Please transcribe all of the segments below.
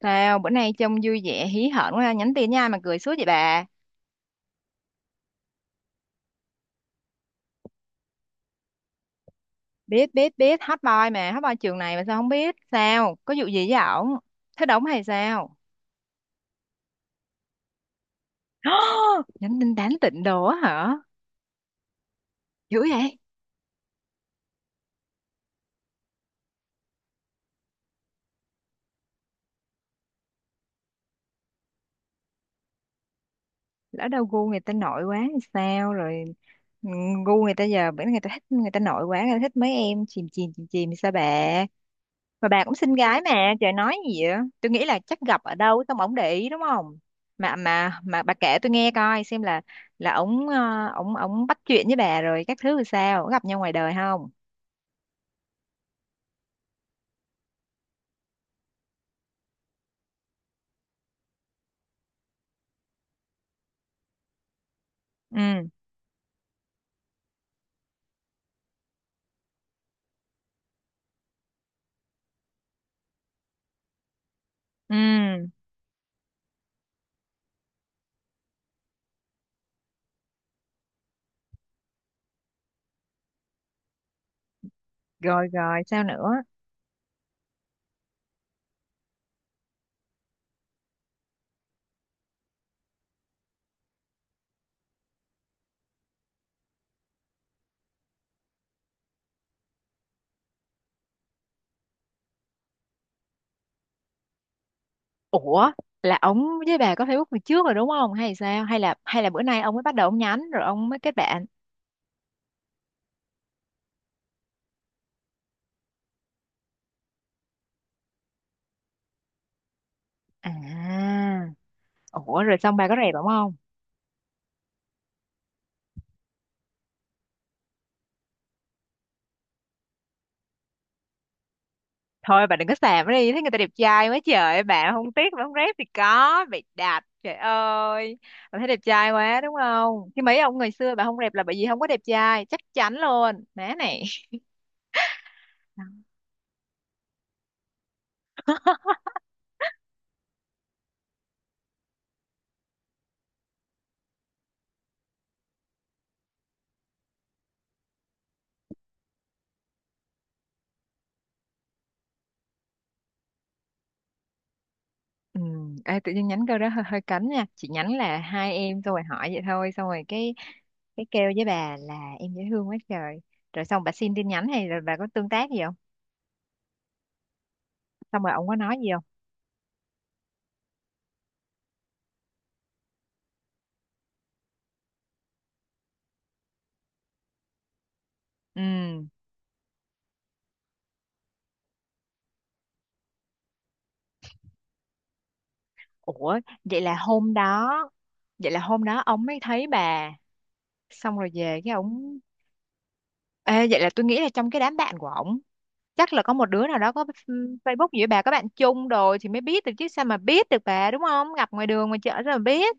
Sao bữa nay trông vui vẻ hí hởn quá ha, nhắn tin nha mà cười suốt vậy bà. Biết biết biết hot boy mà, hot boy trường này mà sao không biết? Sao? Có vụ gì với ổng? Thế đóng hay sao? Nhắn tin tán tỉnh đồ á hả? Dữ vậy? Lỡ đâu gu người ta nội quá thì sao rồi? ừ, Gu người ta giờ bữa nay người ta thích người ta nội quá, người ta thích mấy em chìm chìm chìm chìm thì sao bà? Mà bà cũng xinh gái mà, trời nói gì vậy? Tôi nghĩ là chắc gặp ở đâu xong ổng để ý đúng không? Mà bà kể tôi nghe coi xem là ổng ờ, ổng ổng bắt chuyện với bà rồi các thứ sao, có gặp nhau ngoài đời không? Ừ, ừ, rồi rồi, sao nữa? Ủa, là ổng với bà có Facebook từ trước rồi đúng không? Hay sao? Hay là bữa nay ông mới bắt đầu ông nhắn rồi ông mới kết bạn? À, ủa rồi xong bà có rep ổng không? Thôi bà đừng có xàm nó đi, thấy người ta đẹp trai quá trời bà không tiếc, bà không rep thì có bị đạp trời ơi. Bà thấy đẹp trai quá đúng không, chứ mấy ông ngày xưa bà không rep là bởi vì không có đẹp trai chắc chắn luôn má này. Đó. Ừ, ê, tự nhiên nhánh câu đó hơi, hơi cấn nha chị, nhánh là hai em tôi hỏi vậy thôi, xong rồi cái kêu với bà là em dễ thương quá trời. Rồi xong bà xin tin nhắn hay rồi bà có tương tác gì không? Xong rồi ông có nói gì không? Ừ. Ủa vậy là hôm đó, vậy là hôm đó ông mới thấy bà xong rồi về cái ổng. Ê, vậy là tôi nghĩ là trong cái đám bạn của ổng chắc là có một đứa nào đó có Facebook giữa bà, có bạn chung rồi thì mới biết được, chứ sao mà biết được bà đúng không, gặp ngoài đường ngoài chợ sao mà biết.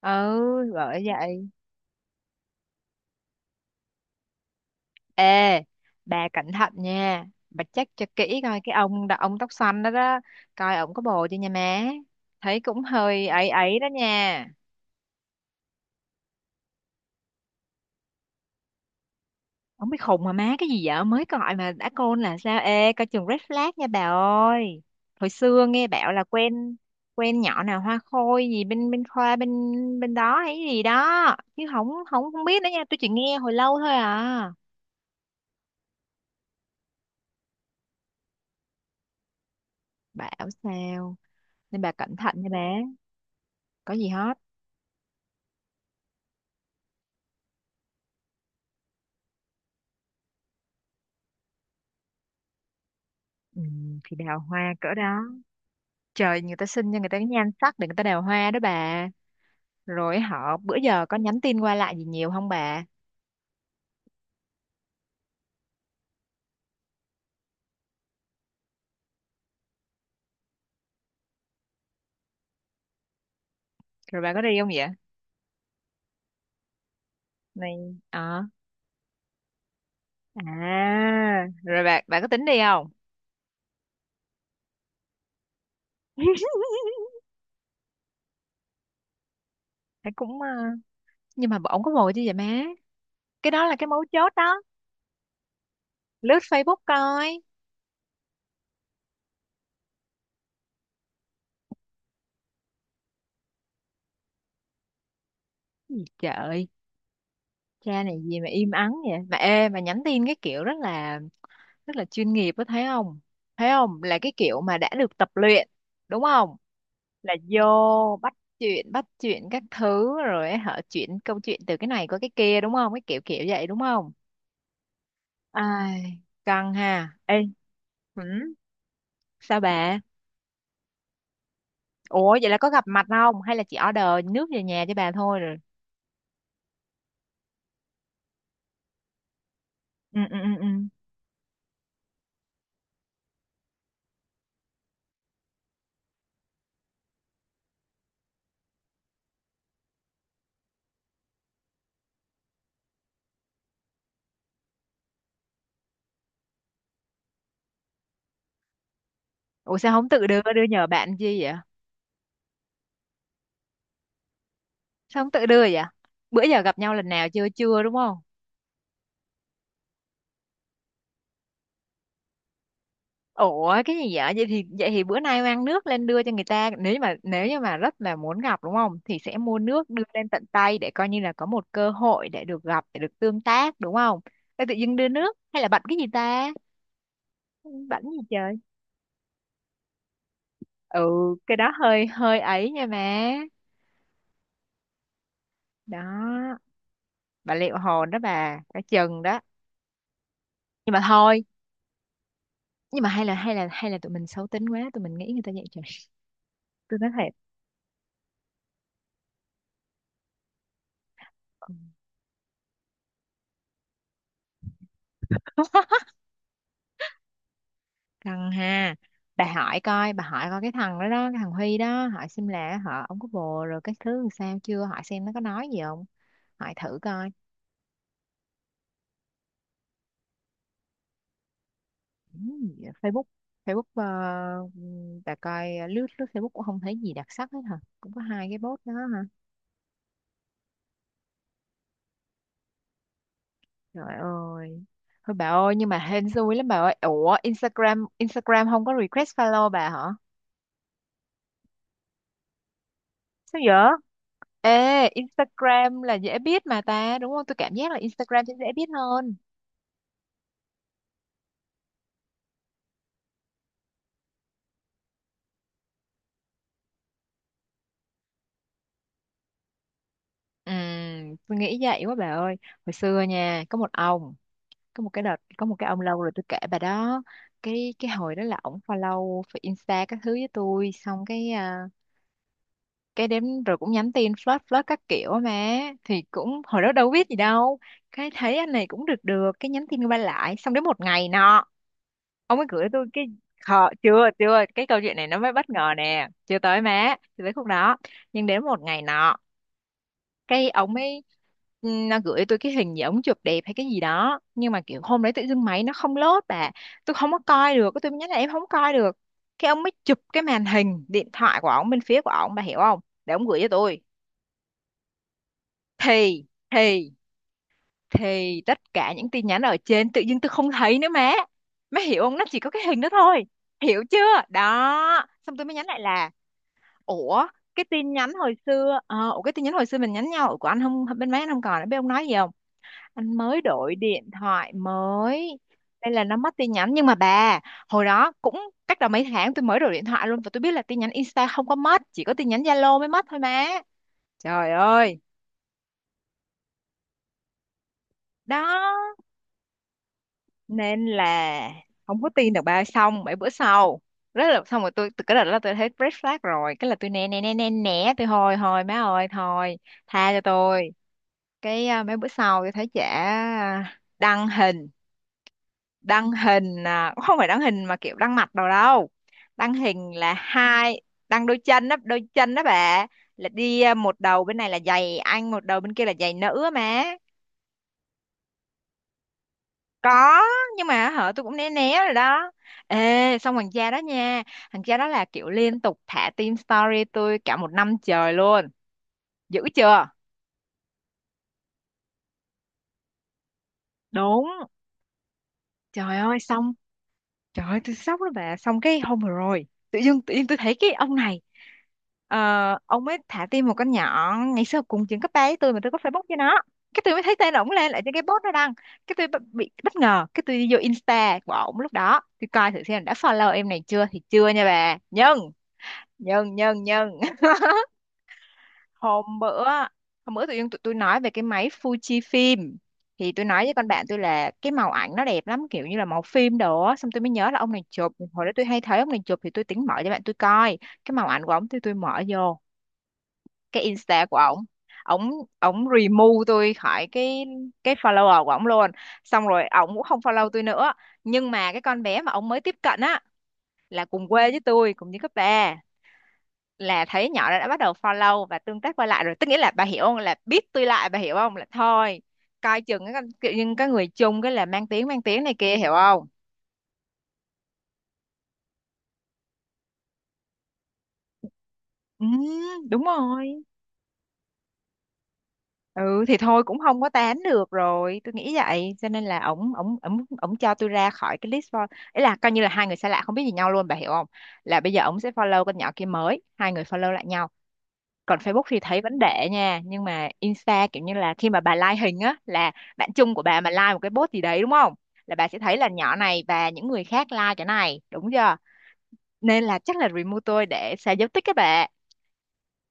Ừ, bởi vậy. Ê, bà cẩn thận nha, bà check cho kỹ coi, cái ông đó ông tóc xanh đó đó, coi ổng có bồ chưa nha má, thấy cũng hơi ấy ấy đó nha. Ông biết khùng mà má cái gì vậy? Mới gọi mà đã côn là sao? Ê, coi chừng red flag nha bà ơi. Hồi xưa nghe bảo là quen, quen nhỏ nào hoa khôi gì bên bên khoa bên bên đó hay gì đó, chứ không không không biết nữa nha, tôi chỉ nghe hồi lâu thôi à. Bảo sao, nên bà cẩn thận nha bé, có gì hết. Ừ, thì đào hoa cỡ đó, trời người ta xin cho người ta cái nhan sắc để người ta đào hoa đó bà. Rồi họ bữa giờ có nhắn tin qua lại gì nhiều không bà? Rồi bà có đi không vậy? Này. À, rồi bạn bạn có tính đi không? Thấy cũng nhưng mà ổng có vội chứ vậy má. Cái đó là cái mấu chốt đó. Lướt Facebook coi. Gì trời, cha này gì mà im ắng vậy? Mà ê mà nhắn tin cái kiểu rất là chuyên nghiệp, có thấy không? Thấy không? Là cái kiểu mà đã được tập luyện, đúng không? Là vô bắt chuyện các thứ rồi họ chuyển câu chuyện từ cái này qua cái kia đúng không? Cái kiểu kiểu vậy đúng không? Ai, căng ha. Ê, ừ, sao bà? Ủa vậy là có gặp mặt không? Hay là chỉ order nước về nhà cho bà thôi rồi? Ừ, ừ, ừ. Ừ. Ủa sao không tự đưa, đưa nhờ bạn chi vậy? Sao không tự đưa vậy? Bữa giờ gặp nhau lần nào chưa? Chưa đúng không? Ủa cái gì vậy? Vậy thì bữa nay mang nước lên đưa cho người ta. Nếu như mà rất là muốn gặp đúng không? Thì sẽ mua nước đưa lên tận tay để coi như là có một cơ hội để được gặp, để được tương tác đúng không? Ê, tự dưng đưa nước hay là bận cái gì ta? Bận gì trời? Ừ, cái đó hơi hơi ấy nha má. Đó. Bà liệu hồn đó bà, cả chừng đó nhưng mà thôi, nhưng mà hay là hay là hay là tụi mình xấu tính quá tụi mình nghĩ người ta vậy trời. Tôi nói thiệt. Ừ. Căng ha. Bà hỏi coi, bà hỏi coi cái thằng đó đó, cái thằng Huy đó, hỏi xem là họ ông có bồ rồi cái thứ làm sao chưa, hỏi xem nó có nói gì không, hỏi thử coi. Ừ, Facebook Facebook bà coi lướt lướt Facebook cũng không thấy gì đặc sắc hết hả, cũng có hai cái post đó hả? Trời ơi. Thôi bà ơi, nhưng mà hên xui lắm bà ơi. Ủa, Instagram Instagram không có request follow bà hả? Sao vậy? Ê, Instagram là dễ biết mà ta, đúng không? Tôi cảm giác là Instagram sẽ dễ biết hơn. Ừ, tôi nghĩ vậy quá bà ơi. Hồi xưa nha, có một ông, có một cái đợt, có một cái ông lâu rồi tôi kể bà đó. Cái hồi đó là ổng follow Insta các thứ với tôi, xong cái cái đến rồi cũng nhắn tin flirt flirt các kiểu mà thì cũng hồi đó đâu biết gì đâu, cái thấy anh này cũng được được, cái nhắn tin qua lại, xong đến một ngày nọ ông ấy gửi tôi cái, khờ chưa, chưa cái câu chuyện này nó mới bất ngờ nè, chưa tới má, chưa tới khúc đó. Nhưng đến một ngày nọ cái ông ấy, ừ, nó gửi tôi cái hình gì ống chụp đẹp hay cái gì đó, nhưng mà kiểu hôm đấy tự dưng máy nó không lốt bà, tôi không có coi được, cái tôi mới nhắn là em không coi được. Cái ông mới chụp cái màn hình điện thoại của ông bên phía của ông, bà hiểu không, để ông gửi cho tôi. Thì thì thì tất cả những tin nhắn ở trên tự dưng tôi không thấy nữa má, má hiểu không, nó chỉ có cái hình đó thôi, hiểu chưa đó. Xong tôi mới nhắn lại là ủa cái tin nhắn hồi xưa, ủa cái tin nhắn hồi xưa mình nhắn nhau ủa của anh không, bên má anh không còn nữa bên, ông nói gì không, anh mới đổi điện thoại mới nên là nó mất tin nhắn. Nhưng mà bà, hồi đó cũng cách đó mấy tháng tôi mới đổi điện thoại luôn, và tôi biết là tin nhắn Insta không có mất, chỉ có tin nhắn Zalo mới mất thôi má. Trời ơi. Đó. Nên là không có tin được ba. Xong bảy bữa sau rất là, xong rồi tôi từ cái đợt đó tôi thấy red flag rồi, cái là tôi né né né né né, tôi thôi thôi má ơi thôi, tha cho tôi. Cái mấy bữa sau tôi thấy chả đăng hình, đăng hình cũng không phải đăng hình mà kiểu đăng mặt đâu đâu, đăng hình là hai, đăng đôi chân đó, đôi chân đó bà, là đi một đầu bên này là giày anh, một đầu bên kia là giày nữ á má. Có nhưng mà hả, tôi cũng né né rồi đó. Ê, xong thằng cha đó nha, thằng cha đó là kiểu liên tục thả team story tôi cả một năm trời luôn, dữ chưa, đúng. Trời ơi xong, trời ơi tôi sốc lắm bà. Xong cái hôm vừa rồi tự dưng tự nhiên tôi thấy cái ông này, ờ, ông ấy thả tim một con nhỏ ngày xưa cùng trường cấp ba với tôi mà tôi có Facebook cho nó, cái tôi mới thấy tên ổng lên lại trên cái post nó đăng, cái tôi bất-, bị bất ngờ, cái tôi đi vô Insta của ổng lúc đó, tôi coi thử xem đã follow em này chưa thì chưa nha bà. Nhưng nhân nhân nhân hôm bữa, hôm bữa tự nhiên tụi tôi nói về cái máy Fujifilm thì tôi nói với con bạn tôi là cái màu ảnh nó đẹp lắm kiểu như là màu phim đồ á, xong tôi mới nhớ là ông này chụp hồi đó, tôi hay thấy ông này chụp thì tôi tính mở cho bạn tôi coi cái màu ảnh của ông, thì tôi mở vô cái Insta của ổng, ổng ổng remove tôi khỏi cái follower của ổng luôn, xong rồi ổng cũng không follow tôi nữa. Nhưng mà cái con bé mà ổng mới tiếp cận á là cùng quê với tôi, cùng với cấp ba, là thấy nhỏ đó đã bắt đầu follow và tương tác qua lại rồi, tức nghĩa là bà hiểu không, là biết tôi lại, bà hiểu không, là thôi coi chừng cái con-, kiểu như cái người chung cái là mang tiếng này kia hiểu không. Ừ đúng rồi. Ừ thì thôi cũng không có tán được rồi tôi nghĩ vậy, cho nên là ổng ổng ổng ổng cho tôi ra khỏi cái list follow, ấy là coi như là hai người xa lạ không biết gì nhau luôn, bà hiểu không, là bây giờ ổng sẽ follow con nhỏ kia, mới hai người follow lại nhau. Còn Facebook thì thấy vẫn để nha, nhưng mà Insta kiểu như là khi mà bà like hình á là bạn chung của bà mà like một cái post gì đấy đúng không, là bà sẽ thấy là nhỏ này và những người khác like cái này đúng chưa, nên là chắc là remove tôi để xóa dấu tích các bạn,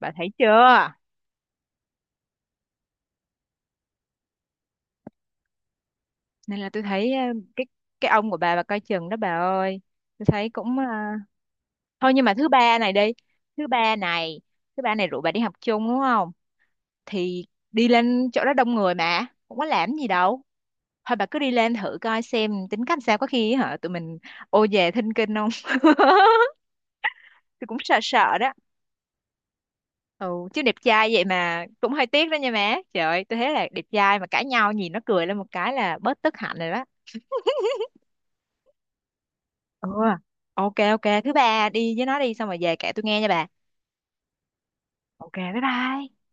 bà thấy chưa. Nên là tôi thấy cái cái ông của bà coi chừng đó bà ơi, tôi thấy cũng thôi nhưng mà thứ ba này đi, thứ ba này, thứ ba này rủ bà đi học chung đúng không, thì đi lên chỗ đó đông người mà cũng có làm gì đâu, thôi bà cứ đi lên thử coi xem tính cách sao, có khi hả tụi mình ô về thinh kinh không. Tôi cũng sợ sợ đó. Ừ, chứ đẹp trai vậy mà cũng hơi tiếc đó nha má, trời ơi tôi thấy là đẹp trai mà cãi nhau nhìn nó cười lên một cái là bớt tức hạnh rồi đó. Ừ, ok ok thứ ba đi với nó đi xong rồi về kể tôi nghe nha bà. Ok bye bye.